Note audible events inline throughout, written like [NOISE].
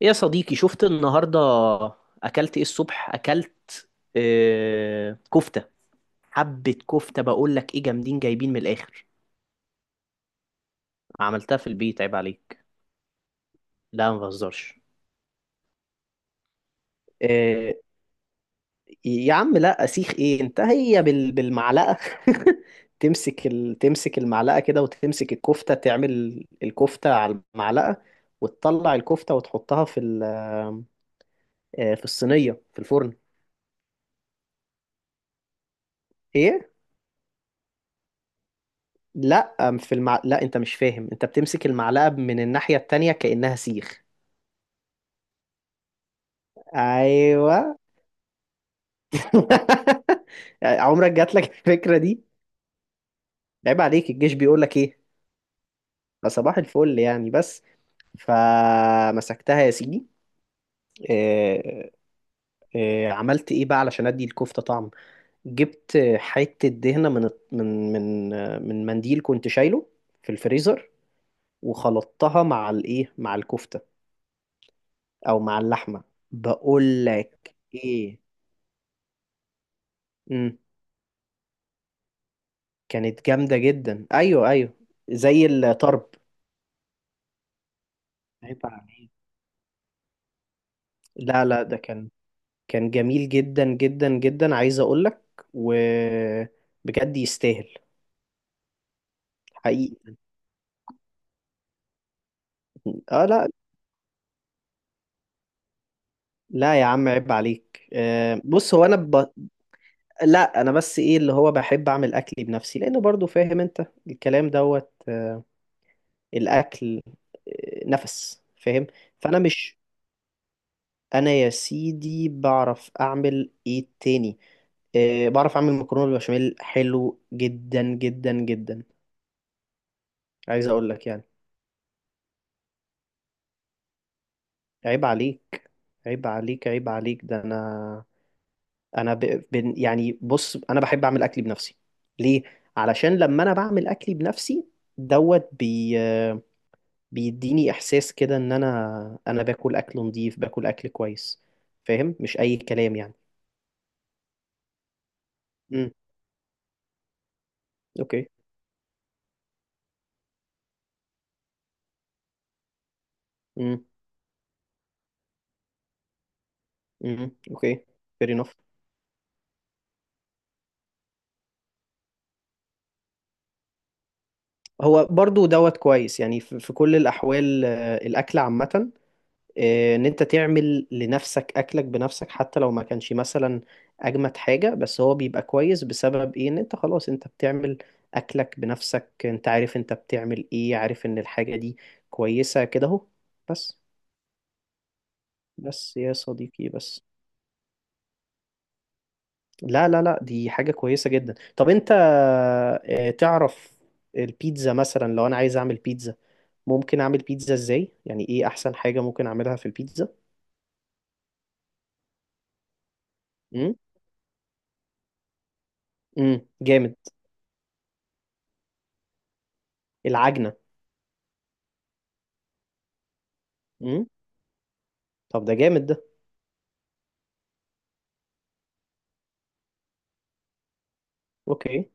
يا صديقي شفت النهاردة أكلت إيه الصبح؟ أكلت كفتة. حبة كفتة، بقول لك إيه، جامدين جايبين من الآخر. عملتها في البيت، عيب عليك. لا، ما بهزرش. آه... يا عم لا، أسيخ إيه؟ أنت هي بالمعلقة. [LAUGHS] تمسك المعلقة كده، وتمسك الكفتة، تعمل الكفتة على المعلقة، وتطلع الكفتة وتحطها في ال... آه، في الصينية في الفرن. إيه؟ لا أم في المع... لا، انت مش فاهم. انت بتمسك المعلقة من الناحية التانية كأنها سيخ. ايوه. [LAUGHS] عمرك جات لك الفكرة دي؟ عيب عليك. الجيش بيقول لك ايه؟ ده صباح الفل يعني. بس فمسكتها يا سيدي. آه، عملت ايه بقى علشان ادي الكفتة طعم؟ جبت حتة دهنة من منديل كنت شايله في الفريزر، وخلطتها مع الايه، مع الكفتة او مع اللحمة. بقول لك ايه، امم كانت جامدة جدا. ايوه، ايوه، زي الطرب. عيب عليك. لا لا، ده كان جميل جدا جدا جدا، عايز اقول لك. وبجد يستاهل. حقيقي. اه. لا لا يا عم، عيب عليك. بص، هو انا لا، انا بس ايه اللي هو بحب اعمل اكلي بنفسي، لانه برضو فاهم، انت الكلام دوت الاكل، نفس، فاهم؟ فانا مش انا يا سيدي، بعرف اعمل ايه تاني؟ أه، بعرف اعمل مكرونه بالبشاميل، حلو جدا جدا جدا، عايز اقول لك يعني. عيب عليك، عيب عليك، عيب عليك. ده انا، يعني بص، انا بحب اعمل اكلي بنفسي. ليه؟ علشان لما انا بعمل اكلي بنفسي دوت بي... آه، بيديني احساس كده، ان انا باكل اكل نظيف، باكل اكل كويس، فاهم؟ مش اي كلام يعني. امم. اوكي. امم. امم. اوكي. fair enough. هو برضو دوت كويس يعني، في كل الأحوال، الأكل عامة، إن أنت تعمل لنفسك أكلك بنفسك، حتى لو ما كانش مثلا أجمد حاجة، بس هو بيبقى كويس بسبب إيه؟ إن أنت خلاص أنت بتعمل أكلك بنفسك، أنت عارف أنت بتعمل إيه، عارف إن الحاجة دي كويسة كده أهو، بس. بس يا صديقي، بس. لا لا لا، دي حاجة كويسة جدا. طب أنت تعرف البيتزا مثلا، لو أنا عايز أعمل بيتزا، ممكن اعمل بيتزا ازاي؟ يعني ايه احسن حاجة ممكن اعملها في البيتزا؟ امم. امم، جامد. العجنة. امم. طب ده جامد ده. اوكي.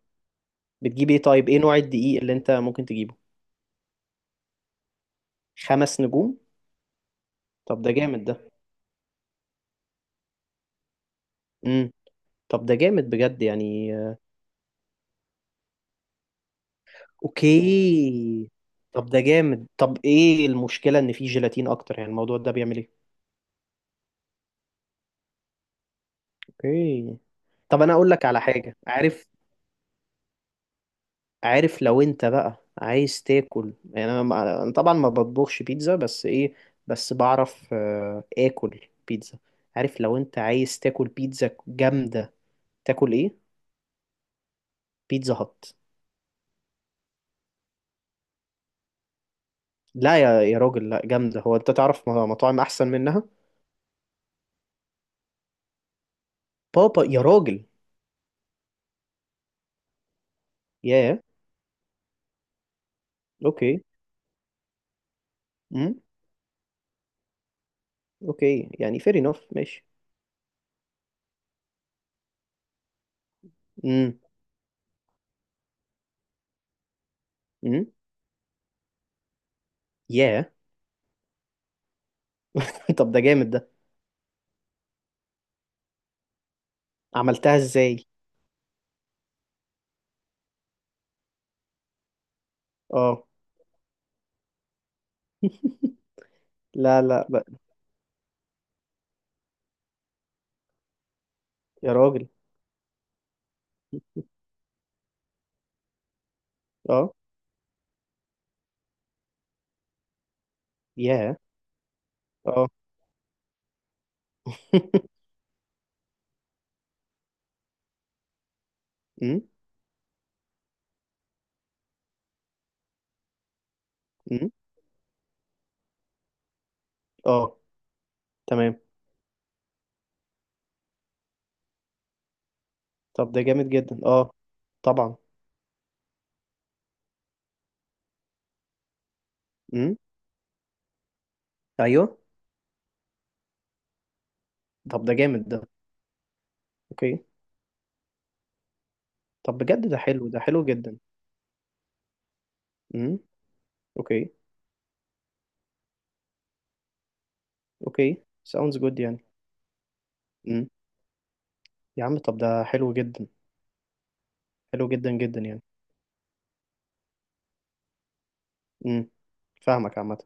بتجيب ايه؟ طيب ايه نوع الدقيق اللي انت ممكن تجيبه؟ خمس نجوم. طب ده جامد ده. امم. طب ده جامد بجد يعني. اوكي. طب ده جامد. طب ايه المشكلة ان فيه جيلاتين اكتر؟ يعني الموضوع ده بيعمل ايه؟ اوكي. طب انا اقول لك على حاجة، عارف؟ عارف، لو انت بقى عايز تاكل يعني، انا أنا طبعا ما بطبخش بيتزا، بس ايه؟ بس بعرف اكل بيتزا. عارف لو انت عايز تاكل بيتزا جامدة، تاكل ايه؟ بيتزا هات. لا، يا راجل لا، جامدة. هو انت تعرف مطاعم احسن منها؟ بابا يا راجل. ياه. اوكي. امم. اوكي يعني، fair enough، ماشي. امم. امم. ياه. [LAUGHS] طب ده جامد ده. عملتها ازاي؟ اه. لا لا لا يا راجل. اه. ياه. اه. [LAUGHS] امم. امم. اه. تمام. طب ده جامد جدا. اه، طبعا. امم. ايوه. طب ده جامد ده. اوكي. طب بجد ده حلو، ده حلو جدا. امم. اوكي. اوكي. ساوندز جود يعني. امم. يا عم طب ده حلو جدا، حلو جدا جدا يعني. امم. فاهمك عامه.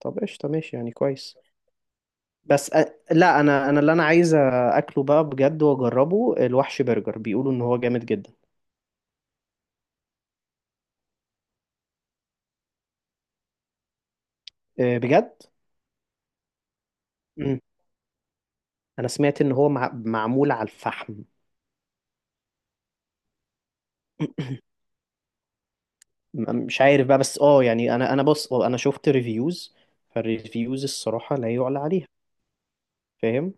طب قشطه، ماشي يعني، كويس. بس لا انا، انا اللي انا عايز اكله بقى بجد واجربه الوحش برجر. بيقولوا ان هو جامد جدا. أه، بجد؟ امم. انا سمعت ان هو معمول على الفحم. مش عارف بقى، بس اه يعني، انا بص، انا شفت ريفيوز. فالريفيوز الصراحة لا يعلى عليها، فاهم؟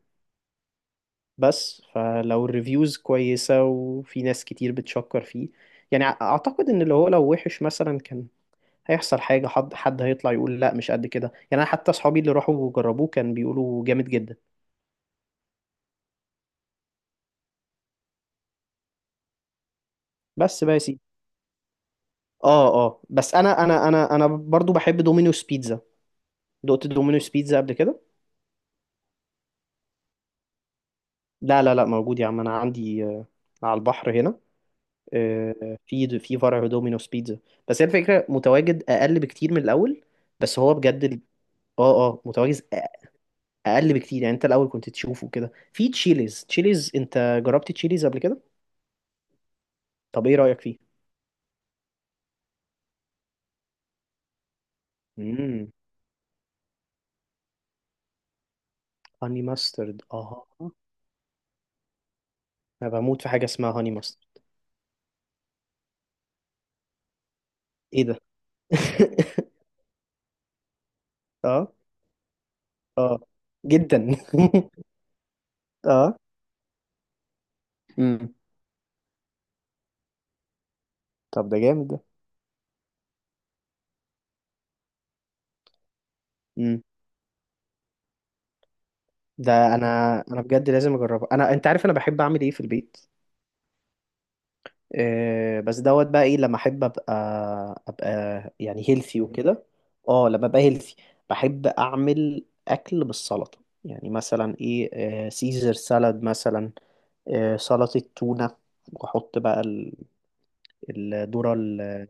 بس فلو الريفيوز كويسة، وفي ناس كتير بتشكر فيه، يعني اعتقد ان اللي هو لو وحش مثلا، كان هيحصل حاجة، حد هيطلع يقول لا مش قد كده يعني. انا حتى اصحابي اللي راحوا وجربوه كان بيقولوا جامد جدا. بس بقى يا سيدي. اه، اه، بس انا، انا برضو بحب دومينوس بيتزا. دقت دومينوس بيتزا قبل كده؟ لا لا لا، موجود يا عم، انا عندي على البحر هنا، في فرع دومينوس بيتزا. بس هي الفكره، متواجد اقل بكتير من الاول. بس هو بجد اه، اه، متواجد اقل بكتير يعني. انت الاول كنت تشوفه كده في تشيليز. تشيليز، انت جربت تشيليز قبل كده؟ طب ايه رايك فيه؟ امم. هاني ماسترد، اه. انا بموت في حاجه اسمها هاني ماسترد. ايه ده؟ [LAUGHS] اه. اه، جدا. [LAUGHS] اه. امم. طب ده جامد ده. امم. ده انا انا بجد لازم اجربه. انا انت عارف انا بحب اعمل ايه في البيت، بس دوت بقى ايه لما احب ابقى، ابقى يعني هيلثي وكده. اه لما ابقى هيلثي بحب اعمل اكل بالسلطه. يعني مثلا ايه؟ سيزر سالاد مثلا، سلطه تونه. واحط بقى الذره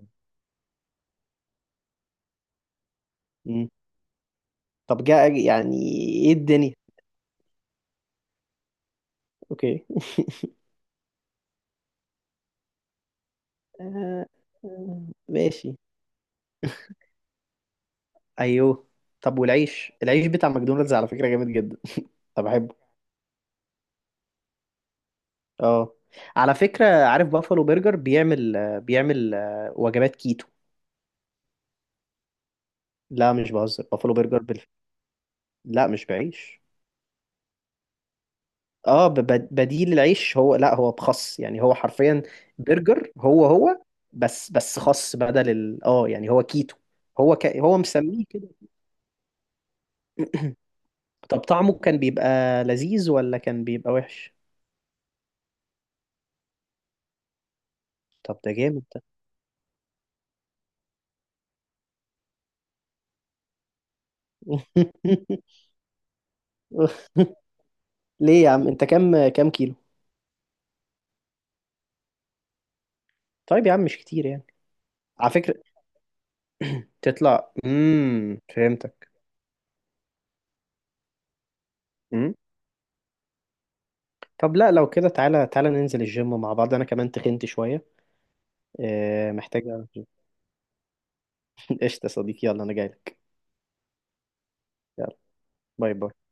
مم. طب جاء يعني، ايه الدنيا؟ اوكي. [LAUGHS] آه، آه، ماشي. ايوه. طب والعيش، العيش بتاع ماكدونالدز على فكره جامد جدا. [LAUGHS] طب بحبه. اه. على فكرة، عارف بافالو برجر بيعمل وجبات كيتو؟ لا، مش بهزر. بافالو برجر لا، مش بعيش. اه بديل العيش، هو لا، هو بخس، يعني هو حرفيا برجر، هو بس خس بدل اه، يعني هو كيتو، هو مسميه كده. طب طعمه كان بيبقى لذيذ ولا كان بيبقى وحش؟ طب ده جامد ده. [LAUGHS] ليه يا عم؟ انت كام، كيلو؟ طيب يا عم مش كتير يعني. على فكرة تطلع، فهمتك. مم. طب لا، لو كده تعالى، تعالى ننزل الجيم مع بعض. انا كمان تخنت شوية، محتاجة. [LAUGHS] قشطة يا صديقي، يلا، انا جايلك. يلا. باي باي.